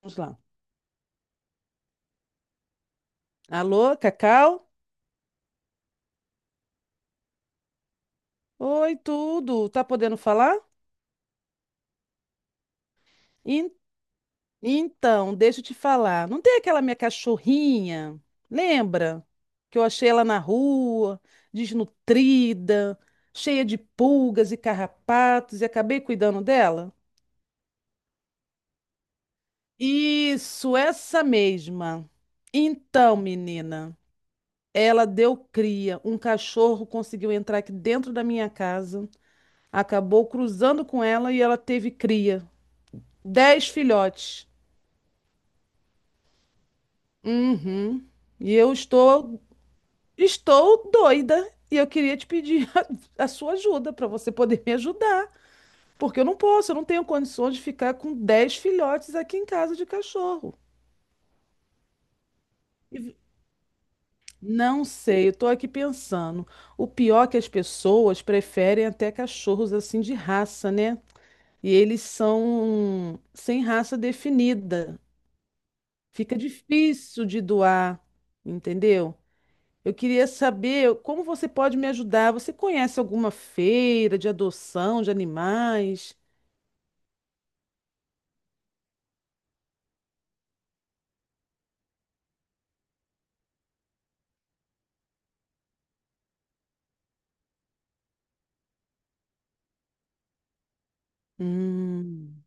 Vamos lá. Alô, Cacau? Oi, tudo. Tá podendo falar? En- Então, deixa eu te falar. Não tem aquela minha cachorrinha? Lembra? Que eu achei ela na rua, desnutrida, cheia de pulgas e carrapatos e acabei cuidando dela? Isso, essa mesma. Então, menina, ela deu cria. Um cachorro conseguiu entrar aqui dentro da minha casa, acabou cruzando com ela e ela teve cria. 10 filhotes. Uhum. E eu estou doida. E eu queria te pedir a sua ajuda para você poder me ajudar. Porque eu não posso, eu não tenho condições de ficar com 10 filhotes aqui em casa de cachorro. E v- Não sei, eu tô aqui pensando. O pior é que as pessoas preferem até cachorros assim de raça, né? E eles são sem raça definida. Fica difícil de doar, entendeu? Eu queria saber como você pode me ajudar. Você conhece alguma feira de adoção de animais? Hum.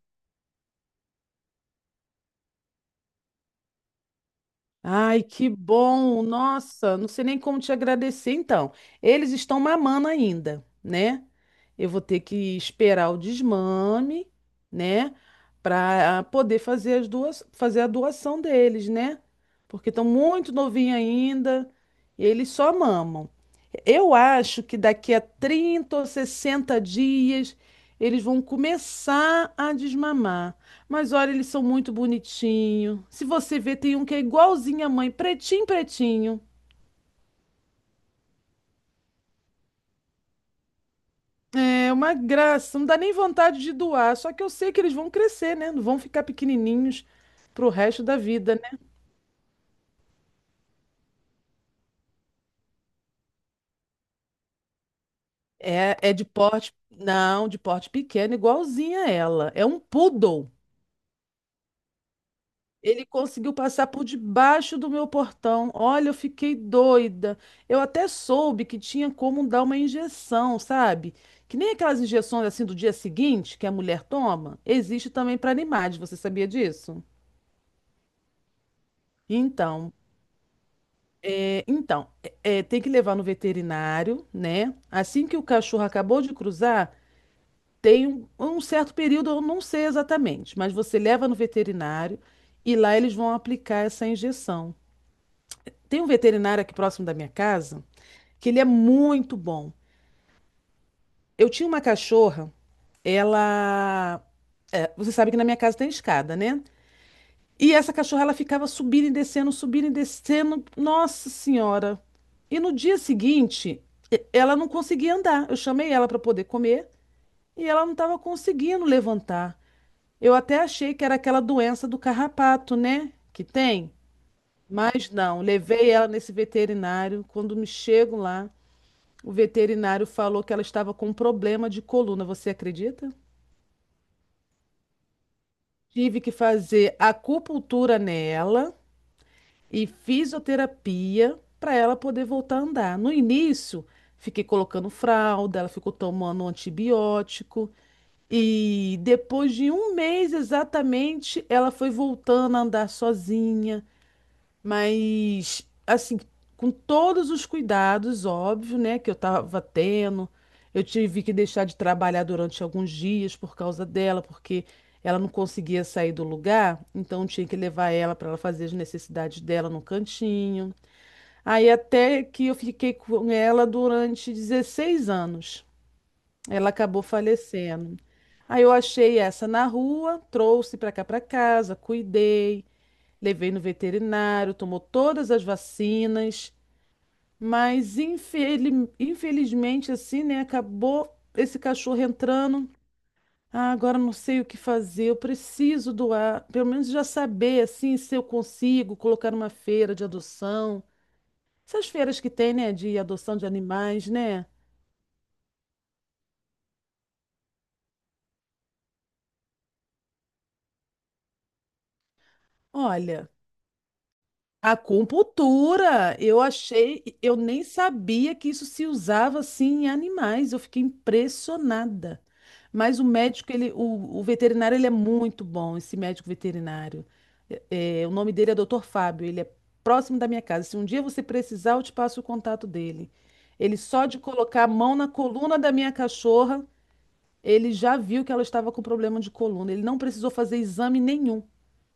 Ai, que bom! Nossa, não sei nem como te agradecer. Então, eles estão mamando ainda, né? Eu vou ter que esperar o desmame, né? Para poder fazer as duas, fazer a doação deles, né? Porque estão muito novinhos ainda e eles só mamam. Eu acho que daqui a 30 ou 60 dias eles vão começar a desmamar. Mas olha, eles são muito bonitinhos. Se você ver, tem um que é igualzinho à mãe, pretinho, pretinho. É uma graça, não dá nem vontade de doar. Só que eu sei que eles vão crescer, né? Não vão ficar pequenininhos pro resto da vida, né? É de porte, não, de porte pequeno, igualzinho a ela. É um poodle. Ele conseguiu passar por debaixo do meu portão. Olha, eu fiquei doida. Eu até soube que tinha como dar uma injeção, sabe? Que nem aquelas injeções assim do dia seguinte que a mulher toma, existe também para animais. Você sabia disso? Então, então, tem que levar no veterinário, né? Assim que o cachorro acabou de cruzar, tem um certo período, eu não sei exatamente, mas você leva no veterinário e lá eles vão aplicar essa injeção. Tem um veterinário aqui próximo da minha casa que ele é muito bom. Eu tinha uma cachorra, ela. Você sabe que na minha casa tem escada, né? E essa cachorra ela ficava subindo e descendo, subindo e descendo. Nossa Senhora! E no dia seguinte, ela não conseguia andar. Eu chamei ela para poder comer e ela não estava conseguindo levantar. Eu até achei que era aquela doença do carrapato, né? Que tem. Mas não, levei ela nesse veterinário. Quando me chego lá, o veterinário falou que ela estava com um problema de coluna, você acredita? Tive que fazer acupuntura nela e fisioterapia para ela poder voltar a andar. No início, fiquei colocando fralda, ela ficou tomando antibiótico. E depois de um mês exatamente, ela foi voltando a andar sozinha. Mas, assim, com todos os cuidados, óbvio, né, que eu tava tendo, eu tive que deixar de trabalhar durante alguns dias por causa dela, porque ela não conseguia sair do lugar, então eu tinha que levar ela para ela fazer as necessidades dela no cantinho. Aí até que eu fiquei com ela durante 16 anos. Ela acabou falecendo. Aí eu achei essa na rua, trouxe para cá para casa, cuidei. Levei no veterinário, tomou todas as vacinas, mas infelizmente assim, né, acabou esse cachorro entrando. Ah, agora não sei o que fazer, eu preciso doar, pelo menos já saber assim se eu consigo colocar uma feira de adoção. Essas feiras que tem, né, de adoção de animais, né? Olha, acupuntura, eu achei, eu nem sabia que isso se usava assim em animais, eu fiquei impressionada. Mas o médico, ele, o veterinário, ele é muito bom, esse médico veterinário. É, o nome dele é Dr. Fábio, ele é próximo da minha casa. Se um dia você precisar, eu te passo o contato dele. Ele só de colocar a mão na coluna da minha cachorra, ele já viu que ela estava com problema de coluna. Ele não precisou fazer exame nenhum.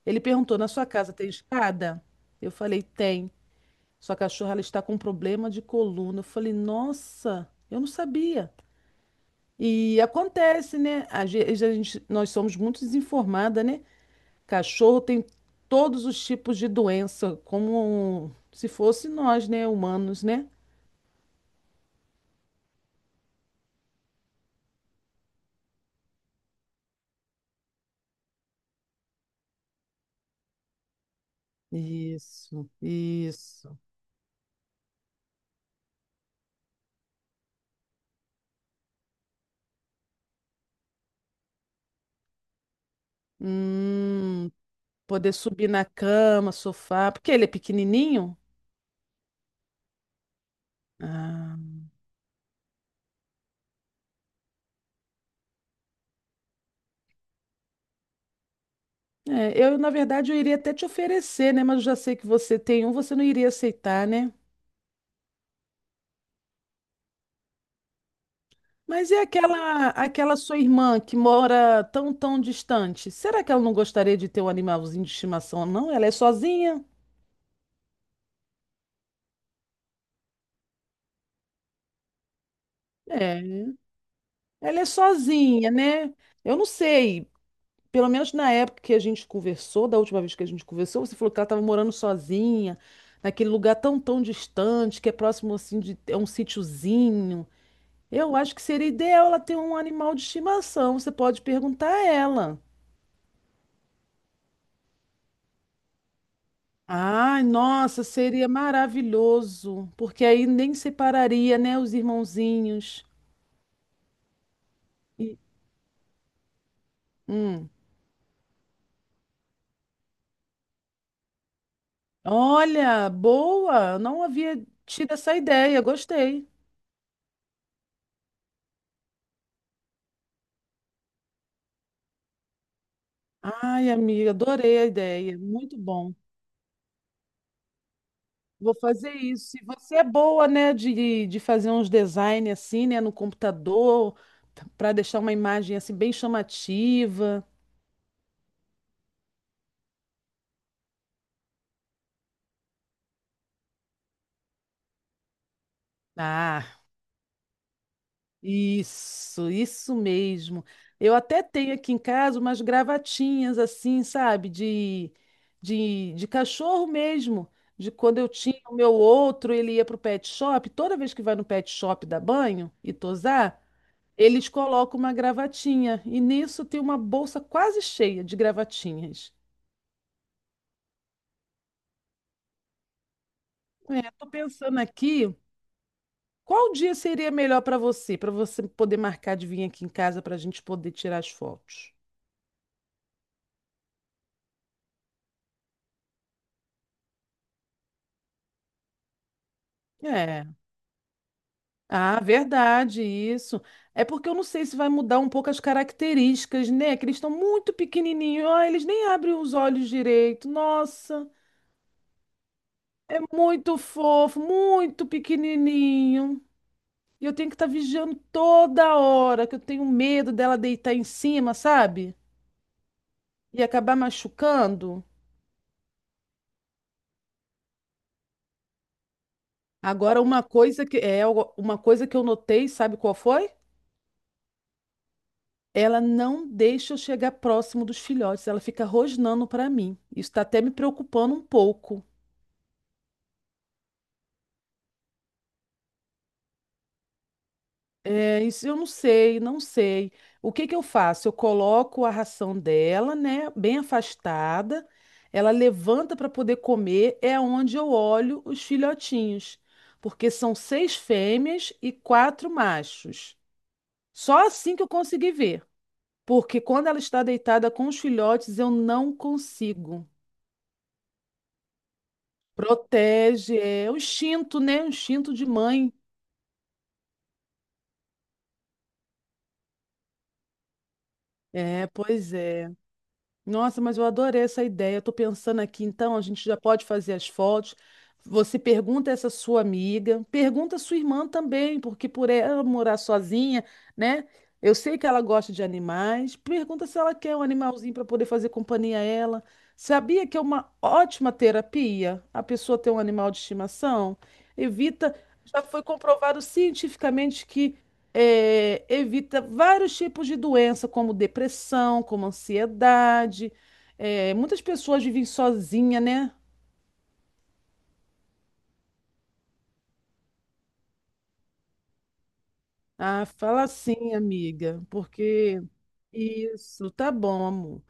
Ele perguntou: na sua casa tem escada? Eu falei: tem. Sua cachorra, ela está com problema de coluna. Eu falei, nossa, eu não sabia. E acontece, né? Às vezes a gente, nós somos muito desinformada, né? Cachorro tem todos os tipos de doença, como se fosse nós, né? Humanos, né? Isso, isso. Hum, poder subir na cama, sofá, porque ele é pequenininho. Ah, na verdade, eu iria até te oferecer, né? Mas eu já sei que você tem um, você não iria aceitar, né? Mas e aquela sua irmã que mora tão, tão distante? Será que ela não gostaria de ter um animalzinho de estimação, não? Ela é sozinha? É, ela é sozinha, né? Eu não sei. Pelo menos na época que a gente conversou, da última vez que a gente conversou, você falou que ela estava morando sozinha, naquele lugar tão, tão distante, que é próximo assim de um sítiozinho. Eu acho que seria ideal ela ter um animal de estimação. Você pode perguntar a ela. Ai, nossa, seria maravilhoso, porque aí nem separaria, né, os irmãozinhos. E- hum. Olha, boa, não havia tido essa ideia, gostei. Ai, amiga, adorei a ideia, muito bom. Vou fazer isso. E você é boa, né, de, fazer uns design assim, né, no computador, para deixar uma imagem assim bem chamativa. Ah, isso mesmo. Eu até tenho aqui em casa umas gravatinhas assim, sabe, de, de cachorro mesmo. De quando eu tinha o meu outro, ele ia pro pet shop. Toda vez que vai no pet shop dar banho e tosar, eles colocam uma gravatinha. E nisso tem uma bolsa quase cheia de gravatinhas. É, tô pensando aqui, qual dia seria melhor para você poder marcar de vir aqui em casa para a gente poder tirar as fotos? É. Ah, verdade, isso. É porque eu não sei se vai mudar um pouco as características, né? Que eles estão muito pequenininhos. Ah, eles nem abrem os olhos direito. Nossa, é muito fofo, muito pequenininho. E eu tenho que estar vigiando toda hora, que eu tenho medo dela deitar em cima, sabe? E acabar machucando. Agora, uma coisa que é uma coisa que eu notei, sabe qual foi? Ela não deixa eu chegar próximo dos filhotes, ela fica rosnando para mim. Isso está até me preocupando um pouco. É, isso eu não sei, não sei. O que que eu faço? Eu coloco a ração dela, né, bem afastada. Ela levanta para poder comer, é onde eu olho os filhotinhos, porque são seis fêmeas e quatro machos. Só assim que eu consegui ver, porque quando ela está deitada com os filhotes, eu não consigo. Protege, é o instinto, né? O instinto de mãe. É, pois é. Nossa, mas eu adorei essa ideia. Eu tô pensando aqui, então, a gente já pode fazer as fotos. Você pergunta essa sua amiga, pergunta a sua irmã também, porque por ela morar sozinha, né? Eu sei que ela gosta de animais. Pergunta se ela quer um animalzinho para poder fazer companhia a ela. Sabia que é uma ótima terapia a pessoa ter um animal de estimação? Evita, já foi comprovado cientificamente que evita vários tipos de doença, como depressão, como ansiedade. É, muitas pessoas vivem sozinha, né? Ah, fala assim, amiga, porque isso, tá bom, amor.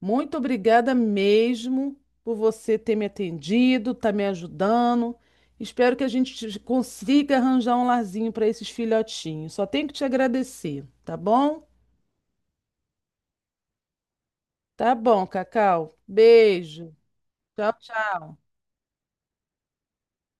Muito obrigada mesmo por você ter me atendido, tá me ajudando. Espero que a gente consiga arranjar um larzinho para esses filhotinhos. Só tenho que te agradecer, tá bom? Tá bom, Cacau. Beijo. Tchau, tchau.